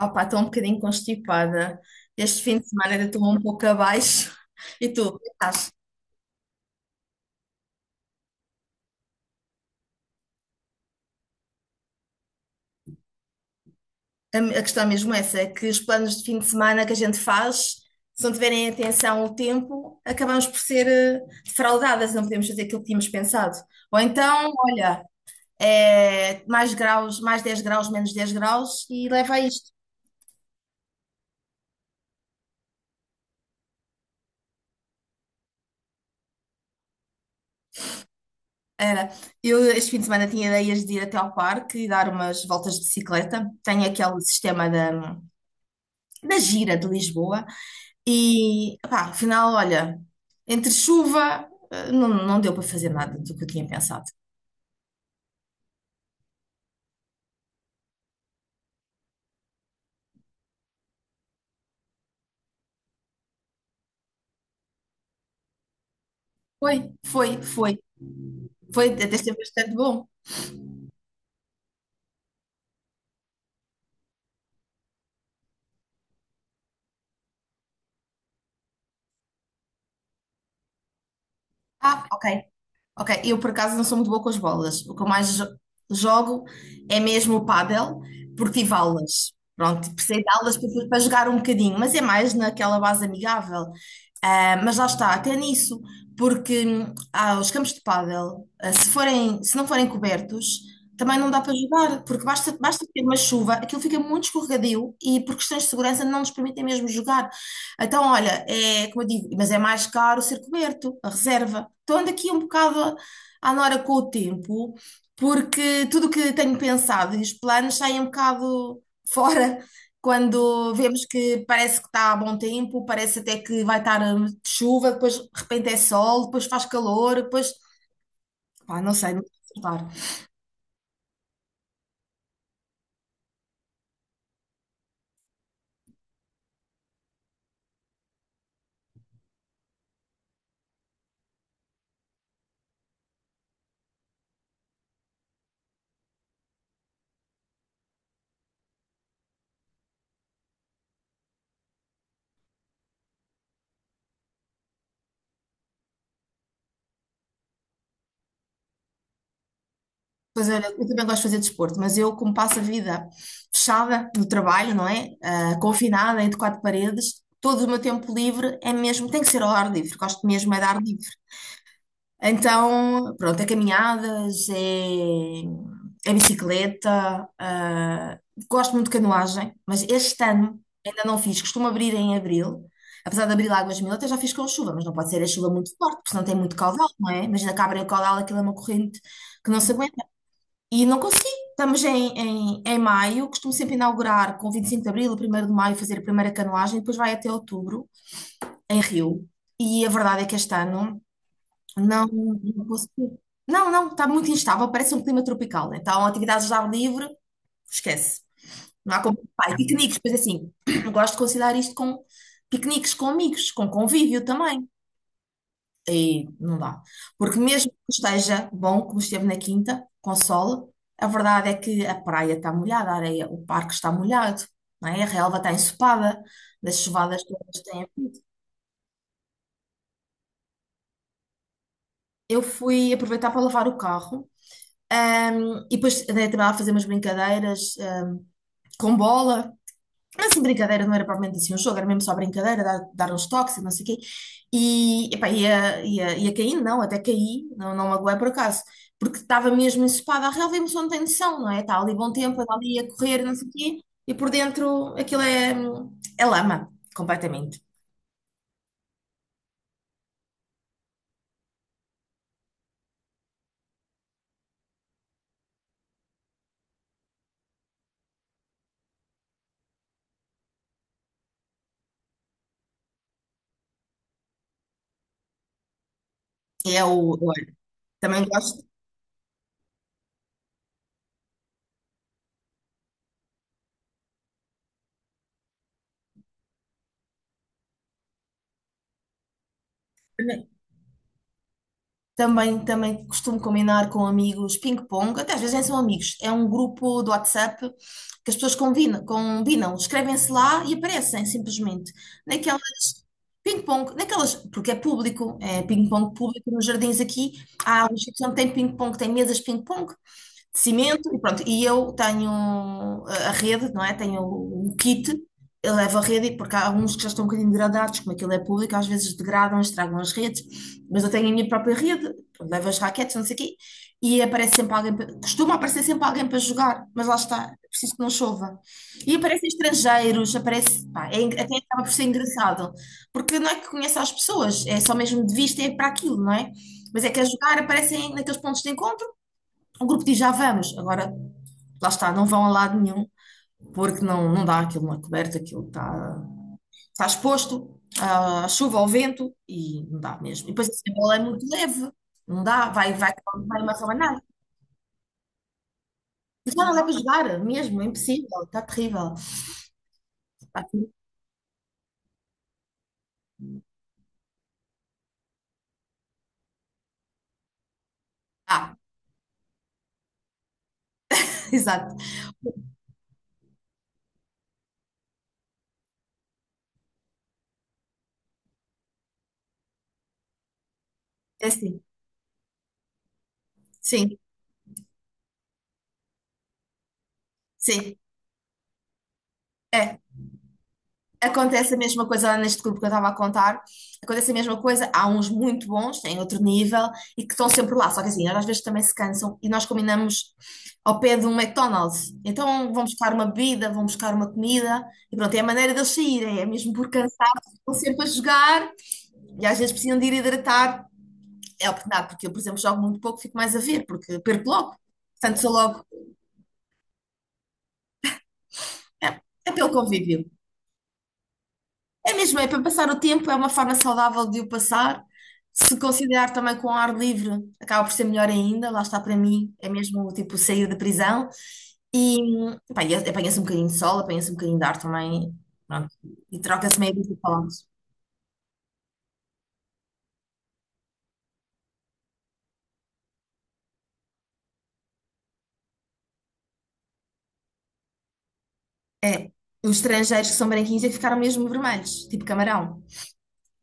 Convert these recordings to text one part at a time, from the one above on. Opa, estou um bocadinho constipada. Este fim de semana ainda estou um pouco abaixo. E tu, estás? A questão mesmo é essa, é que os planos de fim de semana que a gente faz, se não tiverem atenção ao tempo, acabamos por ser defraudadas, não podemos fazer aquilo que tínhamos pensado. Ou então, olha, é mais graus, mais 10 graus, menos 10 graus e leva a isto. Era. Eu este fim de semana tinha ideias de ir até ao parque e dar umas voltas de bicicleta. Tenho aquele sistema da gira de Lisboa. E, pá, afinal, olha, entre chuva, não, não deu para fazer nada do que eu tinha pensado. Foi, foi, foi. Foi, até esteve bastante bom. Ah, ok, ok. Eu, por acaso, não sou muito boa com as bolas. O que eu mais jogo é mesmo o pádel, porque tive aulas. Pronto, precisei de aulas para, jogar um bocadinho, mas é mais naquela base amigável. Ah, mas lá está, até nisso, porque os campos de pádel, se não forem cobertos, também não dá para jogar, porque basta ter uma chuva, aquilo fica muito escorregadio e por questões de segurança não nos permitem mesmo jogar. Então, olha, é como eu digo, mas é mais caro ser coberto, a reserva. Então ando aqui um bocado à nora com o tempo, porque tudo o que tenho pensado e os planos saem um bocado fora quando vemos que parece que está a bom tempo, parece até que vai estar chuva, depois de repente é sol, depois faz calor, depois, pá, não sei, explicar. Pois olha, eu também gosto de fazer desporto, mas eu, como passo a vida fechada no trabalho, não é? Ah, confinada entre quatro paredes, todo o meu tempo livre é mesmo, tem que ser ao ar livre, gosto mesmo é de ar livre. Então, pronto, é caminhadas, é bicicleta, gosto muito de canoagem, mas este ano ainda não fiz, costumo abrir em abril, apesar de abrir Águas Mil, até já fiz com chuva, mas não pode ser a chuva muito forte, porque senão tem muito caudal, não é? Imagina que abrem o caudal, aquilo é uma corrente que não se aguenta. E não consegui, estamos em, maio, costumo sempre inaugurar com 25 de abril, primeiro de maio, fazer a primeira canoagem, depois vai até outubro, em Rio. E a verdade é que este ano. Não, não consigo. Não, não, está muito instável, parece um clima tropical, né? Então, atividades ao ar livre, esquece. Não há como. Pá, e piqueniques, pois assim, eu gosto de conciliar isto com piqueniques com amigos, com convívio também. E não dá. Porque mesmo que esteja bom, como esteve na quinta, com sol, a verdade é que a praia está molhada, a areia, o parque está molhado, não é? A relva está ensopada, das chuvadas todas que têm. Eu fui aproveitar para lavar o carro. E depois andei também lá a fazer umas brincadeiras, com bola, mas assim, brincadeira, não era propriamente assim um jogo, era mesmo só brincadeira, dar, uns toques e não sei o quê. E epá, ia, caindo, não, até caí, não, não magoei por acaso, porque estava mesmo ensopada, a relva emoção não tem noção, não é? Está ali bom tempo, anda ali a correr, não sei o quê, e por dentro aquilo é lama, completamente. É o, olha, também gosto. Também costumo combinar com amigos ping-pong, até às vezes nem são amigos, é um grupo do WhatsApp que as pessoas combinam, escrevem-se lá e aparecem simplesmente. Naquelas ping-pong, naquelas, porque é público, é ping-pong público nos jardins aqui, há um sítio onde tem ping-pong, tem mesas de ping-pong, de cimento e pronto. E eu tenho a rede, não é? Tenho o kit, eu levo a rede, porque há alguns que já estão um bocadinho degradados, como aquilo é público, às vezes degradam, estragam as redes, mas eu tenho a minha própria rede, pronto, levo as raquetes, não sei o quê, e aparece sempre alguém, costuma aparecer sempre alguém para jogar, mas lá está, é preciso que não chova. E aparecem estrangeiros, aparece, pá, até acaba por ser engraçado, porque não é que conhece as pessoas, é só mesmo de vista, é para aquilo, não é? Mas é que a jogar aparecem naqueles pontos de encontro, o grupo diz já vamos, agora lá está, não vão a lado nenhum, porque não, não dá aquilo na coberta, aquilo está exposto à chuva, ao vento e não dá mesmo. E depois a bola é muito leve, não dá, vai, vai uma rabanada. Mas não dá para jogar mesmo, é impossível, está terrível. Está terrível. Ah, exato, é assim, sim, sim, é. Acontece a mesma coisa lá neste grupo que eu estava a contar. Acontece a mesma coisa. Há uns muito bons, têm outro nível e que estão sempre lá. Só que assim, eles às vezes também se cansam e nós combinamos ao pé de um McDonald's. Então vão buscar uma bebida, vão buscar uma comida e pronto, é a maneira deles saírem. É mesmo por cansaço, estão sempre a jogar e às vezes precisam de ir hidratar. É a oportunidade, porque eu, por exemplo, jogo muito pouco, fico mais a ver, porque perco logo. Portanto, sou logo. É pelo convívio. É mesmo, é para passar o tempo, é uma forma saudável de o passar. Se considerar também com ar livre, acaba por ser melhor ainda. Lá está, para mim é mesmo tipo sair da prisão. E pá, e apanha-se um bocadinho de sol, apanha-se um bocadinho de ar também. Pronto. E troca-se meio de palavras. É, os estrangeiros que são branquinhos é que ficaram mesmo vermelhos, tipo camarão.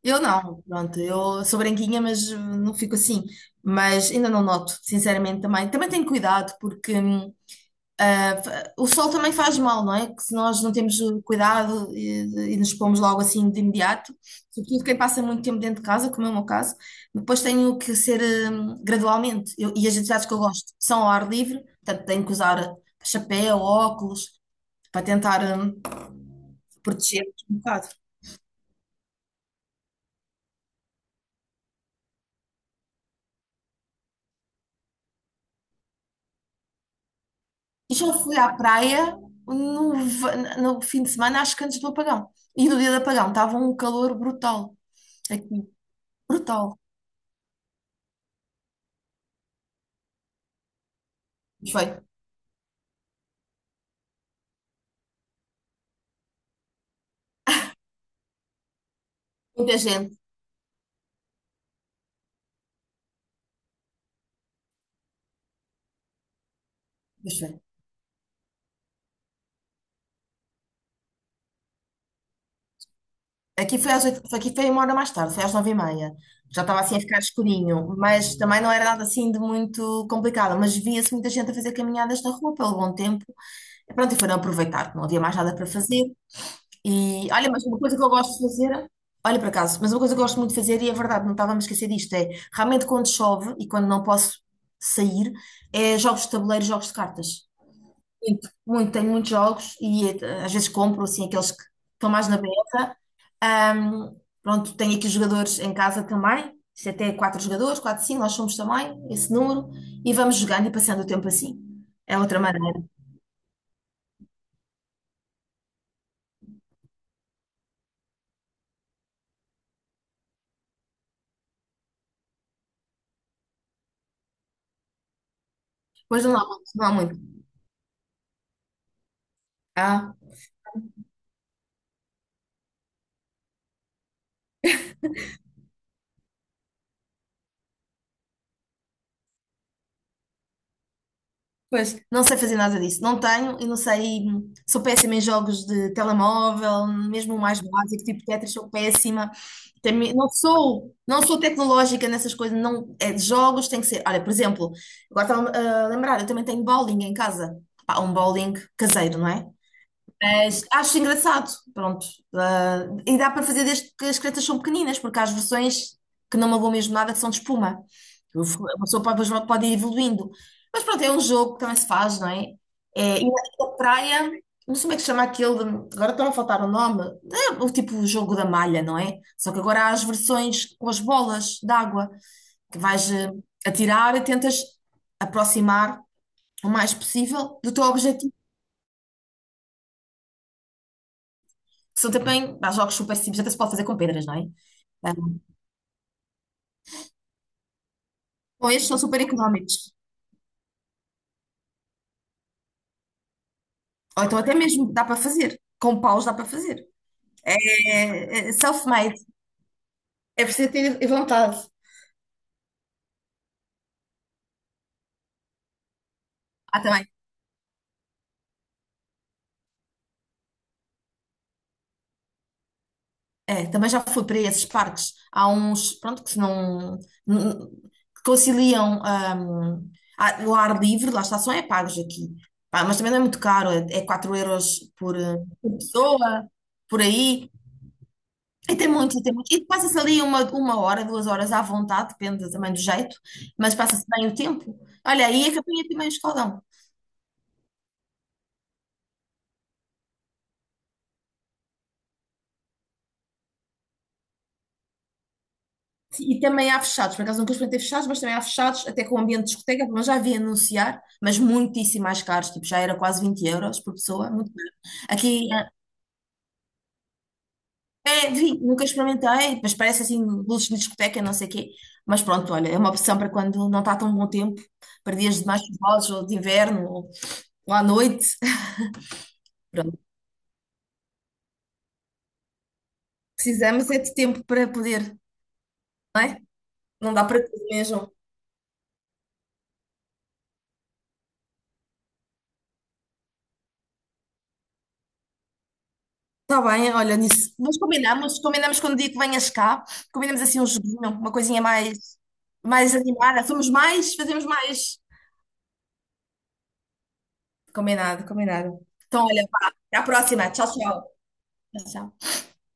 Eu não, pronto, eu sou branquinha, mas não fico assim. Mas ainda não noto, sinceramente também. Também tenho cuidado, porque, o sol também faz mal, não é? Que se nós não temos cuidado e nos pomos logo assim de imediato, sobretudo quem passa muito tempo dentro de casa, como é o meu caso, depois tenho que ser gradualmente. E as atividades que eu gosto são ao ar livre, portanto tenho que usar chapéu, óculos, para tentar proteger um bocado. E já fui à praia no fim de semana, acho que antes do apagão. E no dia do apagão estava um calor brutal aqui. Brutal. Mas foi. Muita gente. Mas foi. Aqui foi às oito, aqui foi uma hora mais tarde, foi às nove e meia. Já estava assim a ficar escurinho, mas também não era nada assim de muito complicado. Mas via-se muita gente a fazer caminhadas na rua pelo bom tempo. E pronto, e foram aproveitar, que não havia mais nada para fazer. E olha, mas uma coisa que eu gosto de fazer, olha, por acaso, mas uma coisa que eu gosto muito de fazer, e é verdade, não estava a me esquecer disto, é realmente quando chove e quando não posso sair, é jogos de tabuleiro, jogos de cartas. Muito, muito, tenho muitos jogos e às vezes compro assim aqueles que estão mais na beira. Pronto, tenho aqui jogadores em casa também, isto é até quatro jogadores, quatro, cinco, nós somos também esse número, e vamos jogando e passando o tempo assim. É outra maneira. Pois não há, não há muito. Ah, pois, não sei fazer nada disso. Não tenho e não sei. Sou péssima em jogos de telemóvel, mesmo o mais básico, tipo Tetris, sou péssima. Não sou tecnológica nessas coisas, não, é de jogos, tem que ser. Olha, por exemplo, agora estava a lembrar, eu também tenho bowling em casa. Pá, um bowling caseiro, não é? Mas acho engraçado, pronto. Ah, e dá para fazer desde que as cretas são pequeninas, porque há as versões que não magoam mesmo nada, que são de espuma. A pessoa pode, depois pode ir evoluindo. Mas pronto, é um jogo que também se faz, não é? É, e na praia, não sei como é que se chama aquele, agora está a faltar o nome, é o tipo o jogo da malha, não é? Só que agora há as versões com as bolas d'água, que vais atirar e tentas aproximar o mais possível do teu objetivo, que são também, há jogos super simples, até se pode fazer com pedras, não é? Ah, bom, estes são super económicos. Ou então até mesmo dá para fazer. Com paus dá para fazer. É, é self-made. É preciso ter vontade. Ah, também. É, também já fui para esses parques. Há uns, pronto, que se não... n- que conciliam o ar livre, lá está, só é pagos aqui. Pá, mas também não é muito caro. É 4 euros por pessoa, por aí. E tem muito, e tem muito. E passa-se ali uma hora, duas horas à vontade, depende também do jeito, mas passa-se bem o tempo. Olha, aí a capinha também é escaldão. E também há fechados, por acaso nunca experimentei fechados, mas também há fechados, até com ambiente de discoteca, mas já vi anunciar, mas muitíssimo mais caros, tipo, já era quase 20 euros por pessoa, muito caro. Aqui, vi, nunca experimentei, mas parece assim, luzes de discoteca, não sei o quê. Mas pronto, olha, é uma opção para quando não está tão bom tempo, para dias de mais chuvosos, ou de inverno, ou, à noite. Precisamos é de tempo para poder, não é? Não dá para tudo mesmo. Está bem, olha nisso. Mas combinamos, combinamos quando o dia que venhas cá, combinamos assim um joguinho, uma coisinha mais, animada. Somos mais, fazemos mais. Combinado, combinado. Então, olha, pá, até à próxima. Tchau, tchau. Tchau, tchau.